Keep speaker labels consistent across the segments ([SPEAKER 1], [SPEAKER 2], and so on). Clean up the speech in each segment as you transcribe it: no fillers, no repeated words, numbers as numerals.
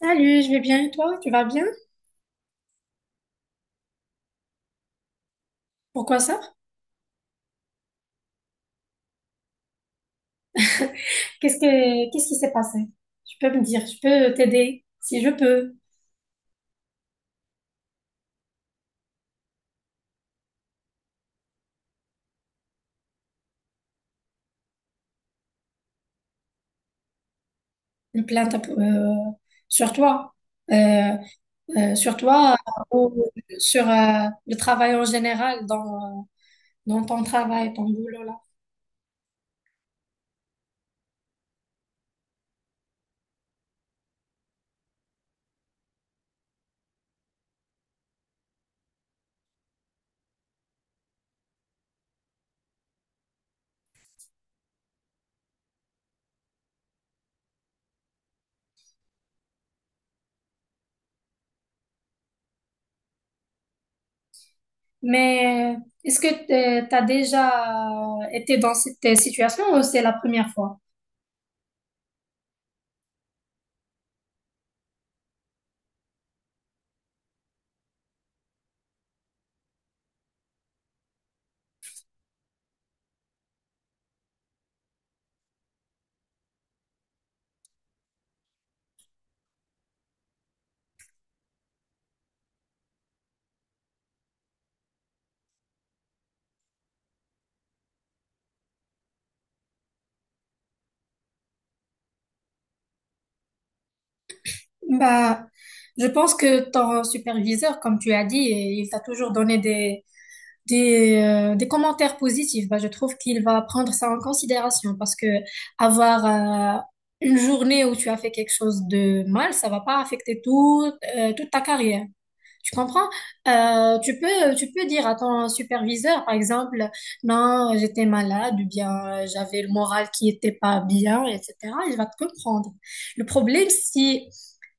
[SPEAKER 1] Salut, je vais bien et toi? Tu vas bien? Pourquoi ça? Qu'est-ce qui s'est passé? Tu peux me dire, je peux t'aider si je peux. Une plainte sur toi, Euh, sur toi ou sur le travail en général dans dans ton travail, ton boulot là. Mais est-ce que tu as déjà été dans cette situation ou c'est la première fois? Bah, je pense que ton superviseur, comme tu as dit, il t'a toujours donné des, des commentaires positifs. Bah, je trouve qu'il va prendre ça en considération parce que avoir une journée où tu as fait quelque chose de mal, ça va pas affecter toute ta carrière. Tu comprends? Tu peux dire à ton superviseur, par exemple, non, j'étais malade ou bien j'avais le moral qui était pas bien, etc. Il va te comprendre. Le problème, si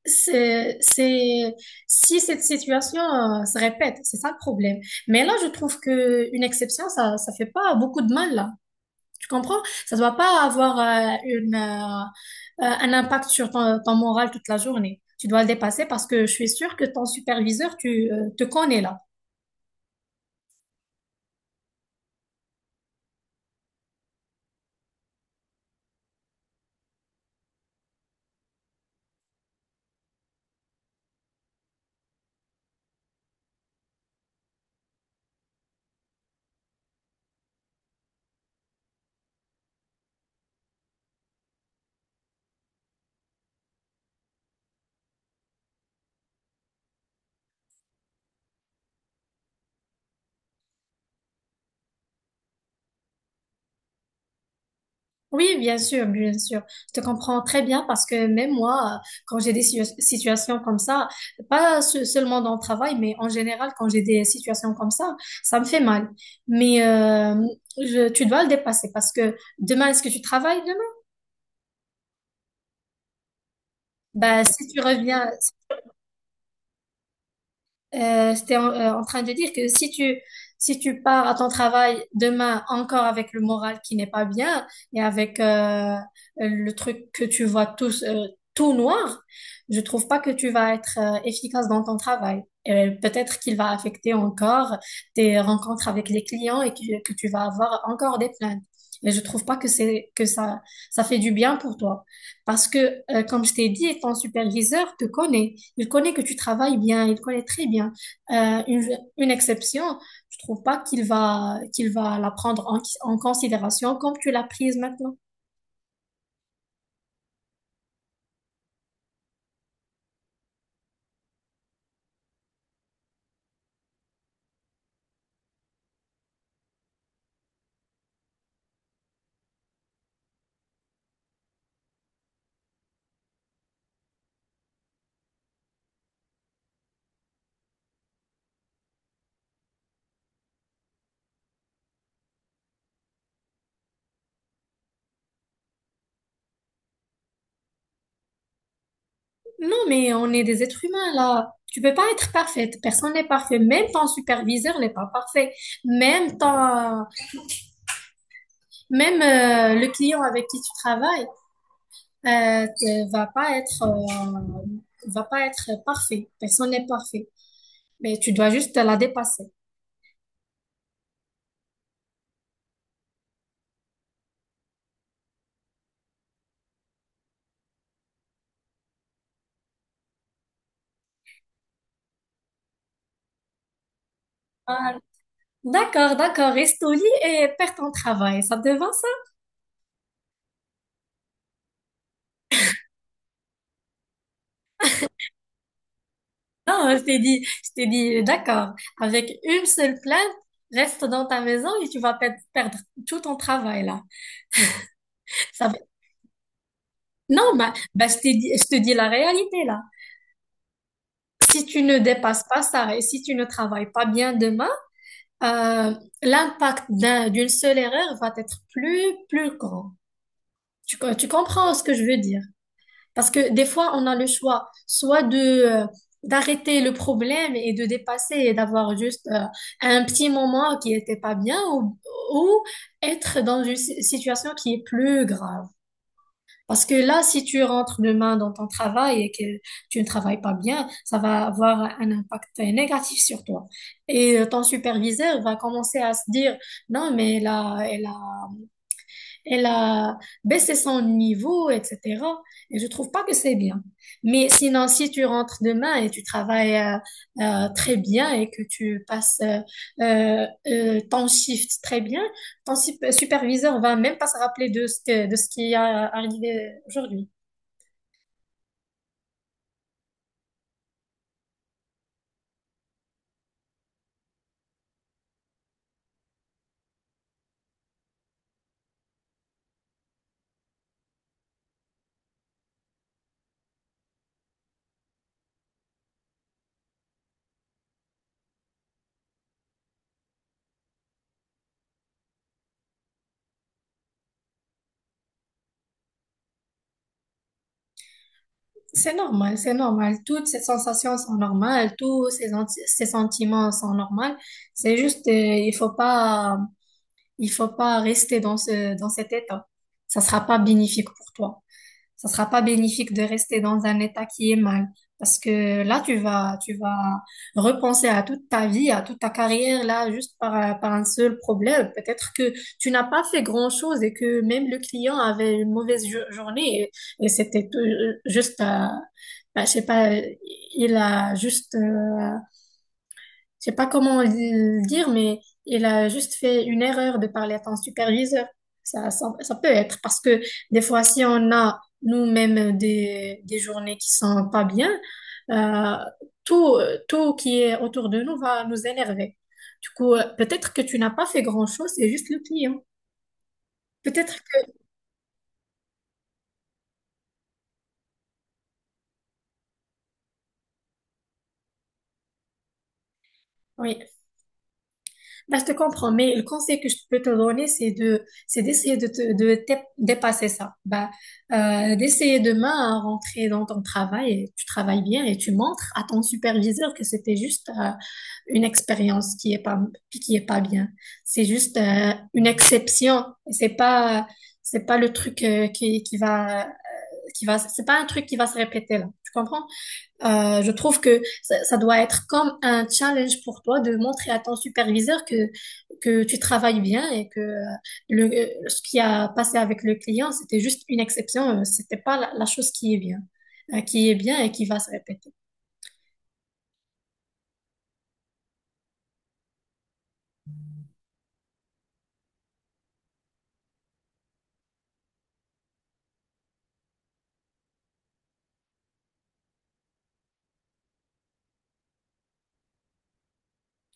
[SPEAKER 1] c'est, c'est- si cette situation se répète, c'est ça le problème. Mais là, je trouve que une exception, ça fait pas beaucoup de mal là. Tu comprends? Ça ne doit pas avoir un impact sur ton moral toute la journée. Tu dois le dépasser parce que je suis sûre que ton superviseur, tu te connais là. Oui, bien sûr, bien sûr. Je te comprends très bien parce que même moi, quand j'ai des situations comme ça, pas seulement dans le travail, mais en général, quand j'ai des situations comme ça me fait mal. Mais tu dois le dépasser parce que demain, est-ce que tu travailles demain? Bah, si tu reviens, j'étais en train de dire que si tu pars à ton travail demain encore avec le moral qui n'est pas bien et avec le truc que tu vois tout noir, je trouve pas que tu vas être efficace dans ton travail. Et peut-être qu'il va affecter encore tes rencontres avec les clients et que tu vas avoir encore des plaintes. Et je trouve pas que ça ça fait du bien pour toi parce que comme je t'ai dit, ton superviseur te connaît. Il connaît que tu travailles bien, il connaît très bien. Euh, une, une exception, je trouve pas qu'il va la prendre en considération comme tu l'as prise maintenant. Non, mais on est des êtres humains là. Tu peux pas être parfaite. Personne n'est parfait. Même ton superviseur n'est pas parfait. Même ton, même le client avec qui tu travailles euh, te- va pas être euh, va pas être parfait. Personne n'est parfait. Mais tu dois juste la dépasser. Ah, D'accord, d'accord. Reste au lit et perds ton travail. Ça te va, ça? Non, je t'ai dit, d'accord. Avec une seule plainte, reste dans ta maison et tu vas perdre tout ton travail, là. Ça va- Non, je t'ai dit, je te dis la réalité, là. Si tu ne dépasses pas ça et si tu ne travailles pas bien demain, euh, l'impact d'une seule erreur va être plus grand. Tu comprends ce que je veux dire? Parce que des fois, on a le choix soit de d'arrêter le problème et de dépasser et d'avoir juste un petit moment qui était pas bien ou être dans une situation qui est plus grave. Parce que là, si tu rentres demain dans ton travail et que tu ne travailles pas bien, ça va avoir un impact négatif sur toi. Et ton superviseur va commencer à se dire, non, mais là, elle a baissé son niveau, etc. Et je trouve pas que c'est bien. Mais sinon, si tu rentres demain et tu travailles très bien et que tu passes ton shift très bien, ton superviseur va même pas se rappeler de ce qui a arrivé aujourd'hui. C'est normal, c'est normal. Toutes ces sensations sont normales, ces sentiments sont normaux. C'est juste, il faut pas rester dans dans cet état. Ça sera pas bénéfique pour toi. Ça sera pas bénéfique de rester dans un état qui est mal. Parce que là, tu vas repenser à toute ta vie, à toute ta carrière, là, juste par un seul problème. Peut-être que tu n'as pas fait grand-chose et que même le client avait une mauvaise journée et c'était je sais pas, il a juste je sais pas comment le dire, mais il a juste fait une erreur de parler à ton superviseur. Ça peut être parce que des fois, si on a nous-mêmes des journées qui sont pas bien, euh, tout, tout qui est autour de nous va nous énerver. Du coup, peut-être que tu n'as pas fait grand-chose, c'est juste le client. Peut-être que, oui. Bah, je te comprends, mais le conseil que je peux te donner, c'est c'est d'essayer de te dépasser ça. Bah, d'essayer demain à rentrer dans ton travail et tu travailles bien et tu montres à ton superviseur que c'était juste une expérience qui est pas bien. C'est juste une exception. C'est pas, c'est pas le truc qui va, c'est pas un truc qui va se répéter là. Tu comprends? Je trouve que ça doit être comme un challenge pour toi de montrer à ton superviseur que tu travailles bien et que ce qui a passé avec le client, c'était juste une exception, c'était pas la chose qui est bien et qui va se répéter.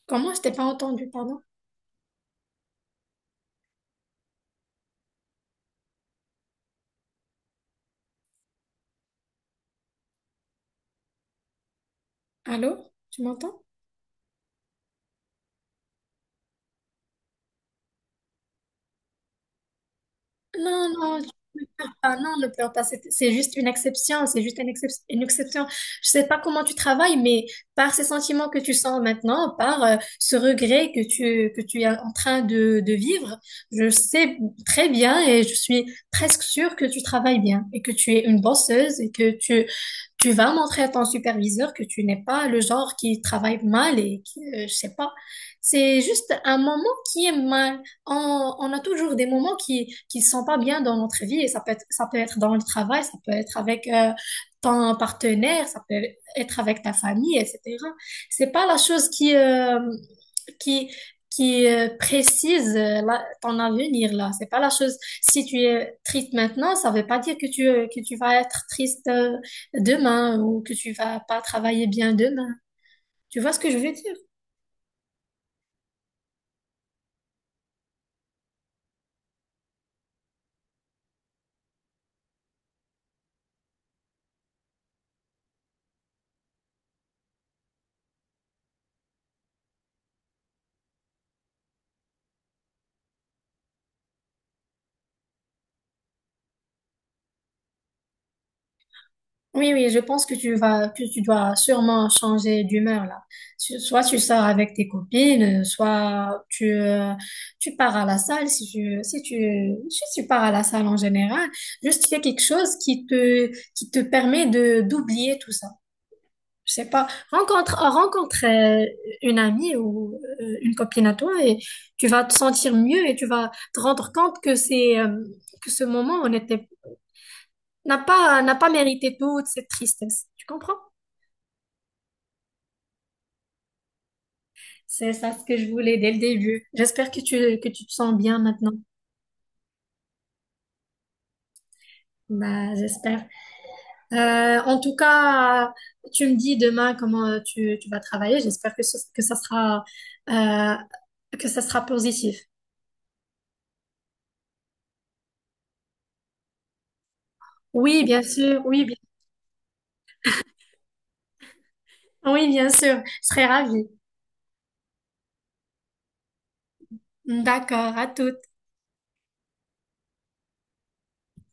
[SPEAKER 1] Comment? Je t'ai pas entendu, pardon. Allô? Tu m'entends? Non, non, Ah non, ne pleure pas, c'est juste une exception, c'est juste une exception. Je sais pas comment tu travailles, mais par ces sentiments que tu sens maintenant, par ce regret que tu es en train de vivre, je sais très bien et je suis presque sûre que tu travailles bien et que tu es une bosseuse et que tu vas montrer à ton superviseur que tu n'es pas le genre qui travaille mal et qui, je sais pas. C'est juste un moment qui est mal. On a toujours des moments qui sont pas bien dans notre vie et ça peut être dans le travail, ça peut être avec ton partenaire, ça peut être avec ta famille, etc. C'est pas la chose qui qui, précise ton avenir là. C'est pas la chose. Si tu es triste maintenant, ça veut pas dire que que tu vas être triste demain ou que tu vas pas travailler bien demain. Tu vois ce que je veux dire? Oui, oui, je pense que que tu dois sûrement changer d'humeur là. Soit tu sors avec tes copines, soit tu pars à la salle si tu pars à la salle en général. Juste fais quelque chose qui te permet d'oublier tout ça. Je sais pas, rencontre une amie ou une copine à toi et tu vas te sentir mieux et tu vas te rendre compte que c'est que ce moment on était n'a pas mérité toute cette tristesse. Tu comprends? C'est ça ce que je voulais dès le début. J'espère que tu te sens bien maintenant. Bah, j'espère. En tout cas, tu me dis demain comment tu vas travailler. J'espère euh, que ça sera positif. Oui, bien sûr. Oui, bien. Oui, bien sûr, je serais ravie. D'accord, à toutes.